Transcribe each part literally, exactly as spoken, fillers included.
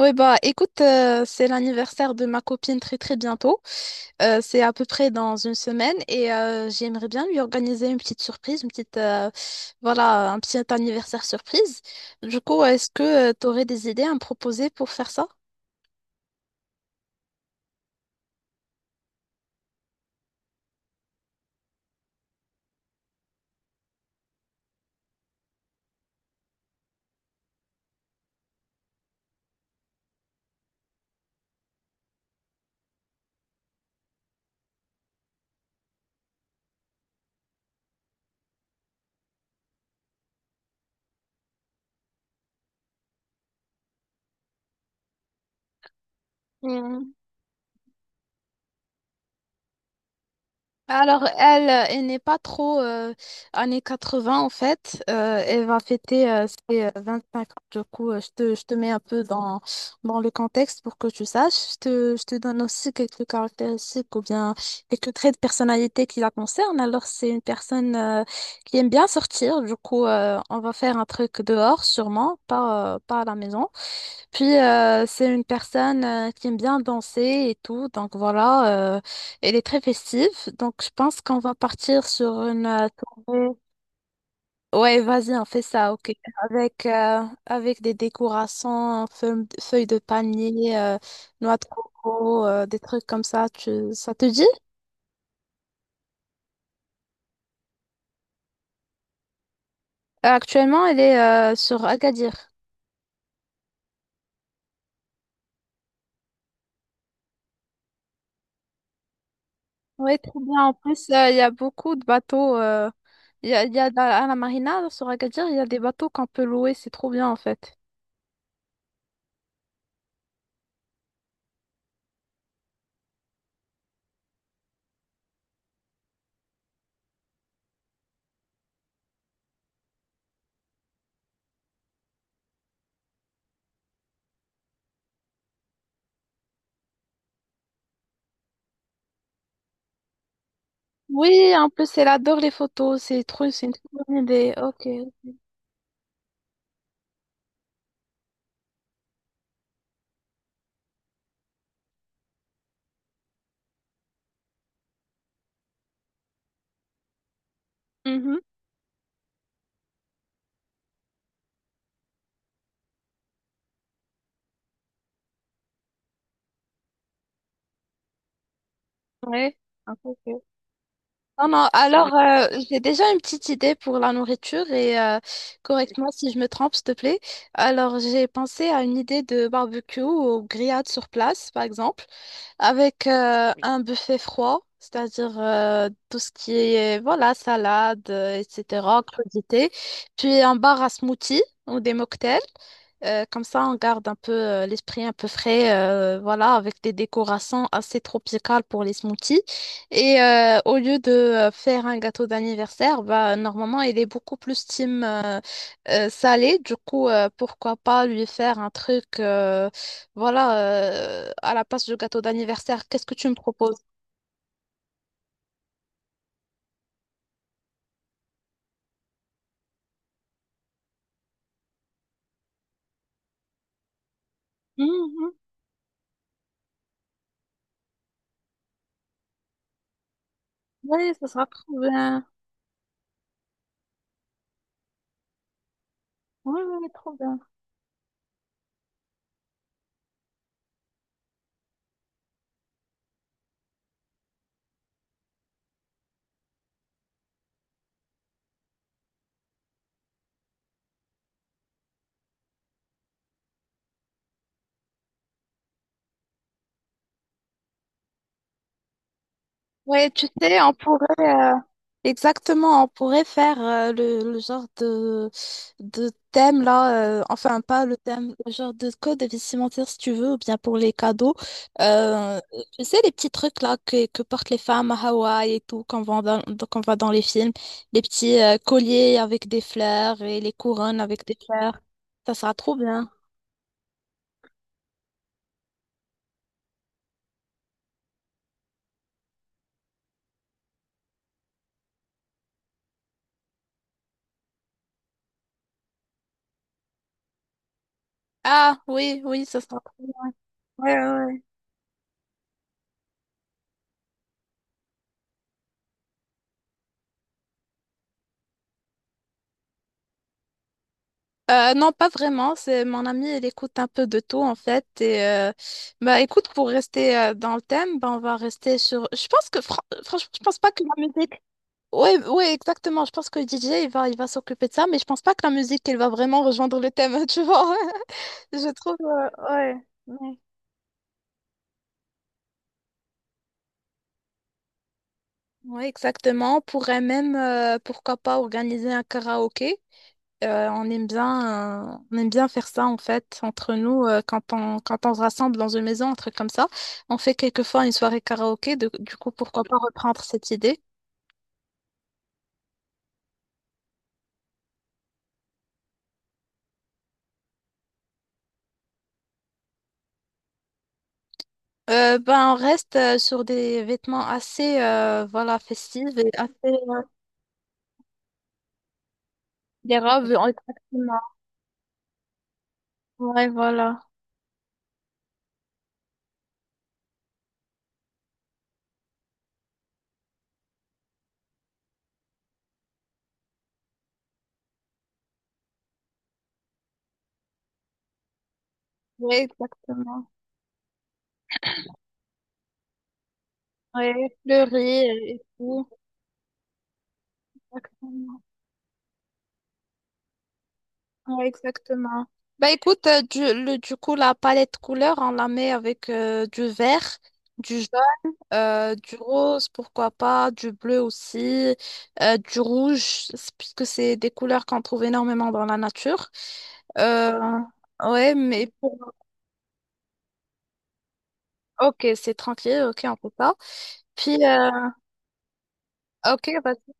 Oui, bah écoute, euh, c'est l'anniversaire de ma copine très très bientôt. Euh, c'est à peu près dans une semaine et euh, j'aimerais bien lui organiser une petite surprise, une petite, euh, voilà, un petit anniversaire surprise. Du coup, est-ce que euh, tu aurais des idées à me proposer pour faire ça? Hmm. Alors, elle, euh, elle n'est pas trop euh, années vingts en fait. Euh, elle va fêter euh, ses euh, cinq ans. Du coup, euh, je te, je te mets un peu dans, dans le contexte pour que tu saches. Je te, je te donne aussi quelques caractéristiques ou bien quelques traits de personnalité qui la concernent. Alors, c'est une personne euh, qui aime bien sortir. Du coup, euh, on va faire un truc dehors sûrement, pas, euh, pas à la maison. Puis euh, c'est une personne euh, qui aime bien danser et tout, donc voilà, euh, elle est très festive, donc je pense qu'on va partir sur une euh, tournée. Ouais, vas-y, on fait ça, ok. Avec euh, avec des décorations, feu- feuilles de palmier, euh, noix de coco, euh, des trucs comme ça. Tu, ça te dit? Euh, Actuellement, elle est euh, sur Agadir. Oui, très bien. En plus, euh, il y a beaucoup de bateaux. euh, Il y a, il y a dans- à la marina sur Agadir, il y a des bateaux qu'on peut louer. C'est trop bien en fait. Oui, en plus, elle adore les photos. C'est trop, c'est une très bonne idée. Ok. Mhm. Ouais. Ok, ok. Non, non. Alors, euh, j'ai déjà une petite idée pour la nourriture et euh, correcte-moi si je me trompe, s'il te plaît. Alors, j'ai pensé à une idée de barbecue ou grillade sur place, par exemple. avec euh, oui, un buffet froid, c'est-à-dire euh, tout ce qui est voilà, salade, euh, et cetera, crudité. Puis un bar à smoothie ou des mocktails. Euh, comme ça, on garde un peu euh, l'esprit un peu frais, euh, voilà, avec des décorations assez tropicales pour les smoothies. Et euh, au lieu de euh, faire un gâteau d'anniversaire, bah, normalement, il est beaucoup plus team euh, euh, salé. Du coup, euh, pourquoi pas lui faire un truc euh, voilà, euh, à la place du gâteau d'anniversaire, qu'est-ce que tu me proposes? Mhm. Ouais, ça sera trop bien. Ouais, ouais, ouais, trop bien. Ouais, tu sais, on pourrait euh, exactement, on pourrait faire euh, le, le genre de, de thème là, euh, enfin pas le thème, le genre de code vestimentaire si tu veux, ou bien pour les cadeaux. Euh, tu sais, les petits trucs là que, que portent les femmes à Hawaï et tout, qu'on voit dans, dans- qu'on voit dans les films, les petits euh, colliers avec des fleurs et les couronnes avec des fleurs, ça sera trop bien. Ah oui, oui, ça sera très bien. Ouais, ouais, ouais. Euh, non, pas vraiment. C'est mon amie, elle écoute un peu de tout en fait. Et euh, bah écoute, pour rester euh, dans le thème, bah, on va rester sur. Je pense que fran- franchement, je pense pas que la musique. Oui, oui, exactement. Je pense que le D J, il va, il va s'occuper de ça, mais je pense pas que la musique, elle va vraiment rejoindre le thème, tu vois. Je trouve, euh, ouais, ouais, ouais, exactement. On pourrait même, euh, pourquoi pas, organiser un karaoké. Euh, on aime bien, euh, on aime bien faire ça, en fait, entre nous, euh, quand on, quand on se rassemble dans une maison, un truc comme ça. On fait quelquefois une soirée karaoké. De- du coup, pourquoi pas reprendre cette idée? Euh, ben, on reste euh, sur des vêtements assez, euh, voilà, festifs et assez, euh, des robes, exactement. Ouais, voilà. Ouais, exactement. Ouais, pleurer et et tout. Exactement. Ouais, exactement. Bah écoute, euh, du, le, du coup, la palette couleur, on la met avec euh, du vert, du jaune, euh, du rose, pourquoi pas, du bleu aussi, euh, du rouge, c'est- puisque c'est des couleurs qu'on trouve énormément dans la nature. Euh, ouais, mais pour... Ok, c'est tranquille, ok, on peut pas. Puis, euh, ok, vas-y,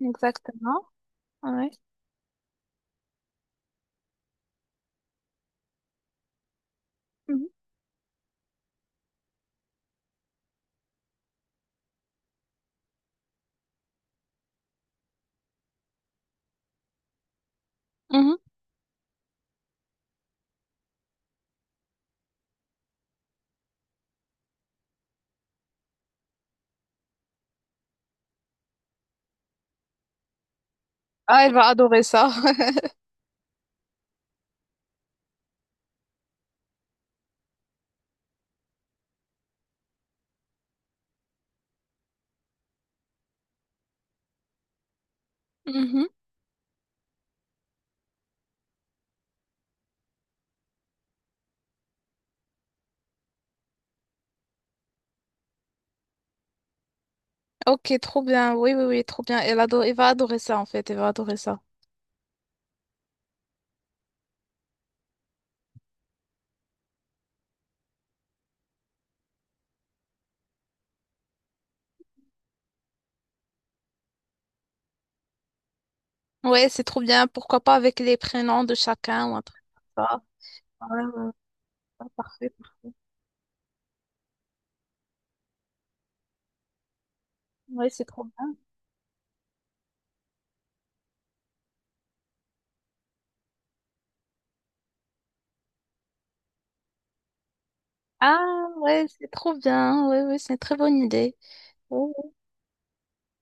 exactement. Ouais. Mhm. Mhm. Ah, elle va adorer ça. Mhm. Ok, trop bien. Oui, oui, oui, trop bien. Elle adore, elle va adorer ça, en fait. Elle va adorer ça. Ouais, c'est trop bien. Pourquoi pas avec les prénoms de chacun ou un truc comme ça. Ouais, ouais, ouais, parfait, parfait. Ouais, c'est trop bien. Ah, ouais, c'est trop bien. Ouais, ouais, c'est une très bonne idée. Ouais,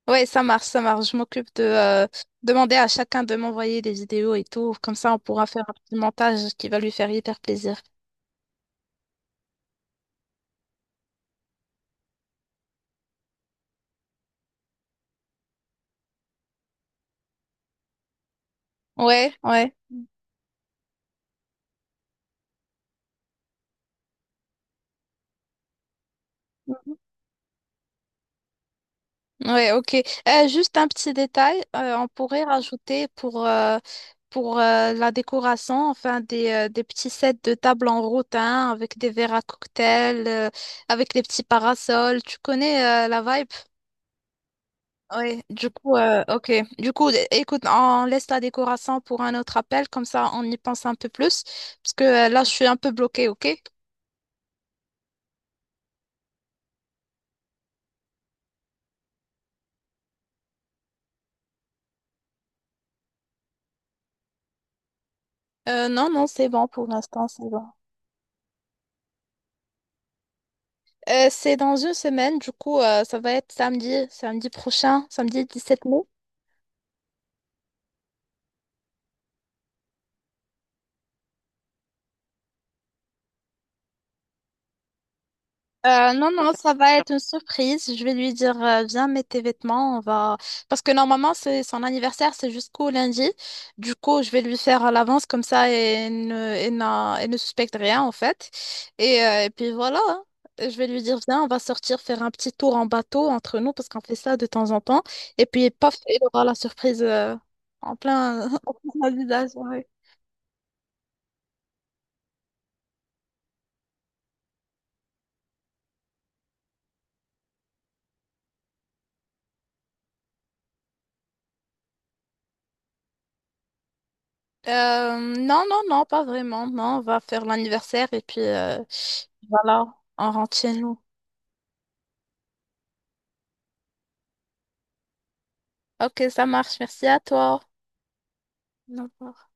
ouais, ouais, ça marche, ça marche. Je m'occupe de euh, demander à chacun de m'envoyer des vidéos et tout. Comme ça, on pourra faire un petit montage qui va lui faire hyper plaisir. Ouais, ouais. Ouais, ok. Euh, juste un petit détail, euh, on pourrait rajouter pour, euh, pour euh, la décoration, enfin des, euh, des petits sets de table en rotin avec des verres à cocktail, euh, avec des petits parasols. Tu connais euh, la vibe? Oui, du coup, euh, ok. Du coup, é- écoute, on laisse la décoration pour un autre appel, comme ça on y pense un peu plus, parce que euh, là, je suis un peu bloquée, ok? Euh, non, non, c'est bon pour l'instant, c'est bon. Euh, c'est dans une semaine, du coup, euh, ça va être samedi, samedi prochain, samedi dix-sept mai. Euh, non, non, ça va être une surprise. Je vais lui dire, euh, viens, mets tes vêtements, on va... Parce que normalement, c'est son anniversaire, c'est jusqu'au lundi. Du coup, je vais lui faire à l'avance comme ça et ne, et n'a- et ne suspecte rien, en fait. Et, euh, et puis voilà, hein. Je vais lui dire, viens, on va sortir faire un petit tour en bateau entre nous, parce qu'on fait ça de temps en temps. Et puis, paf, il aura la surprise, euh, en plein, en plein visage. Euh, non, non, non, pas vraiment. Non, on va faire l'anniversaire et puis euh, voilà, on rentre chez nous. Ok, ça marche. Merci à toi. Au revoir.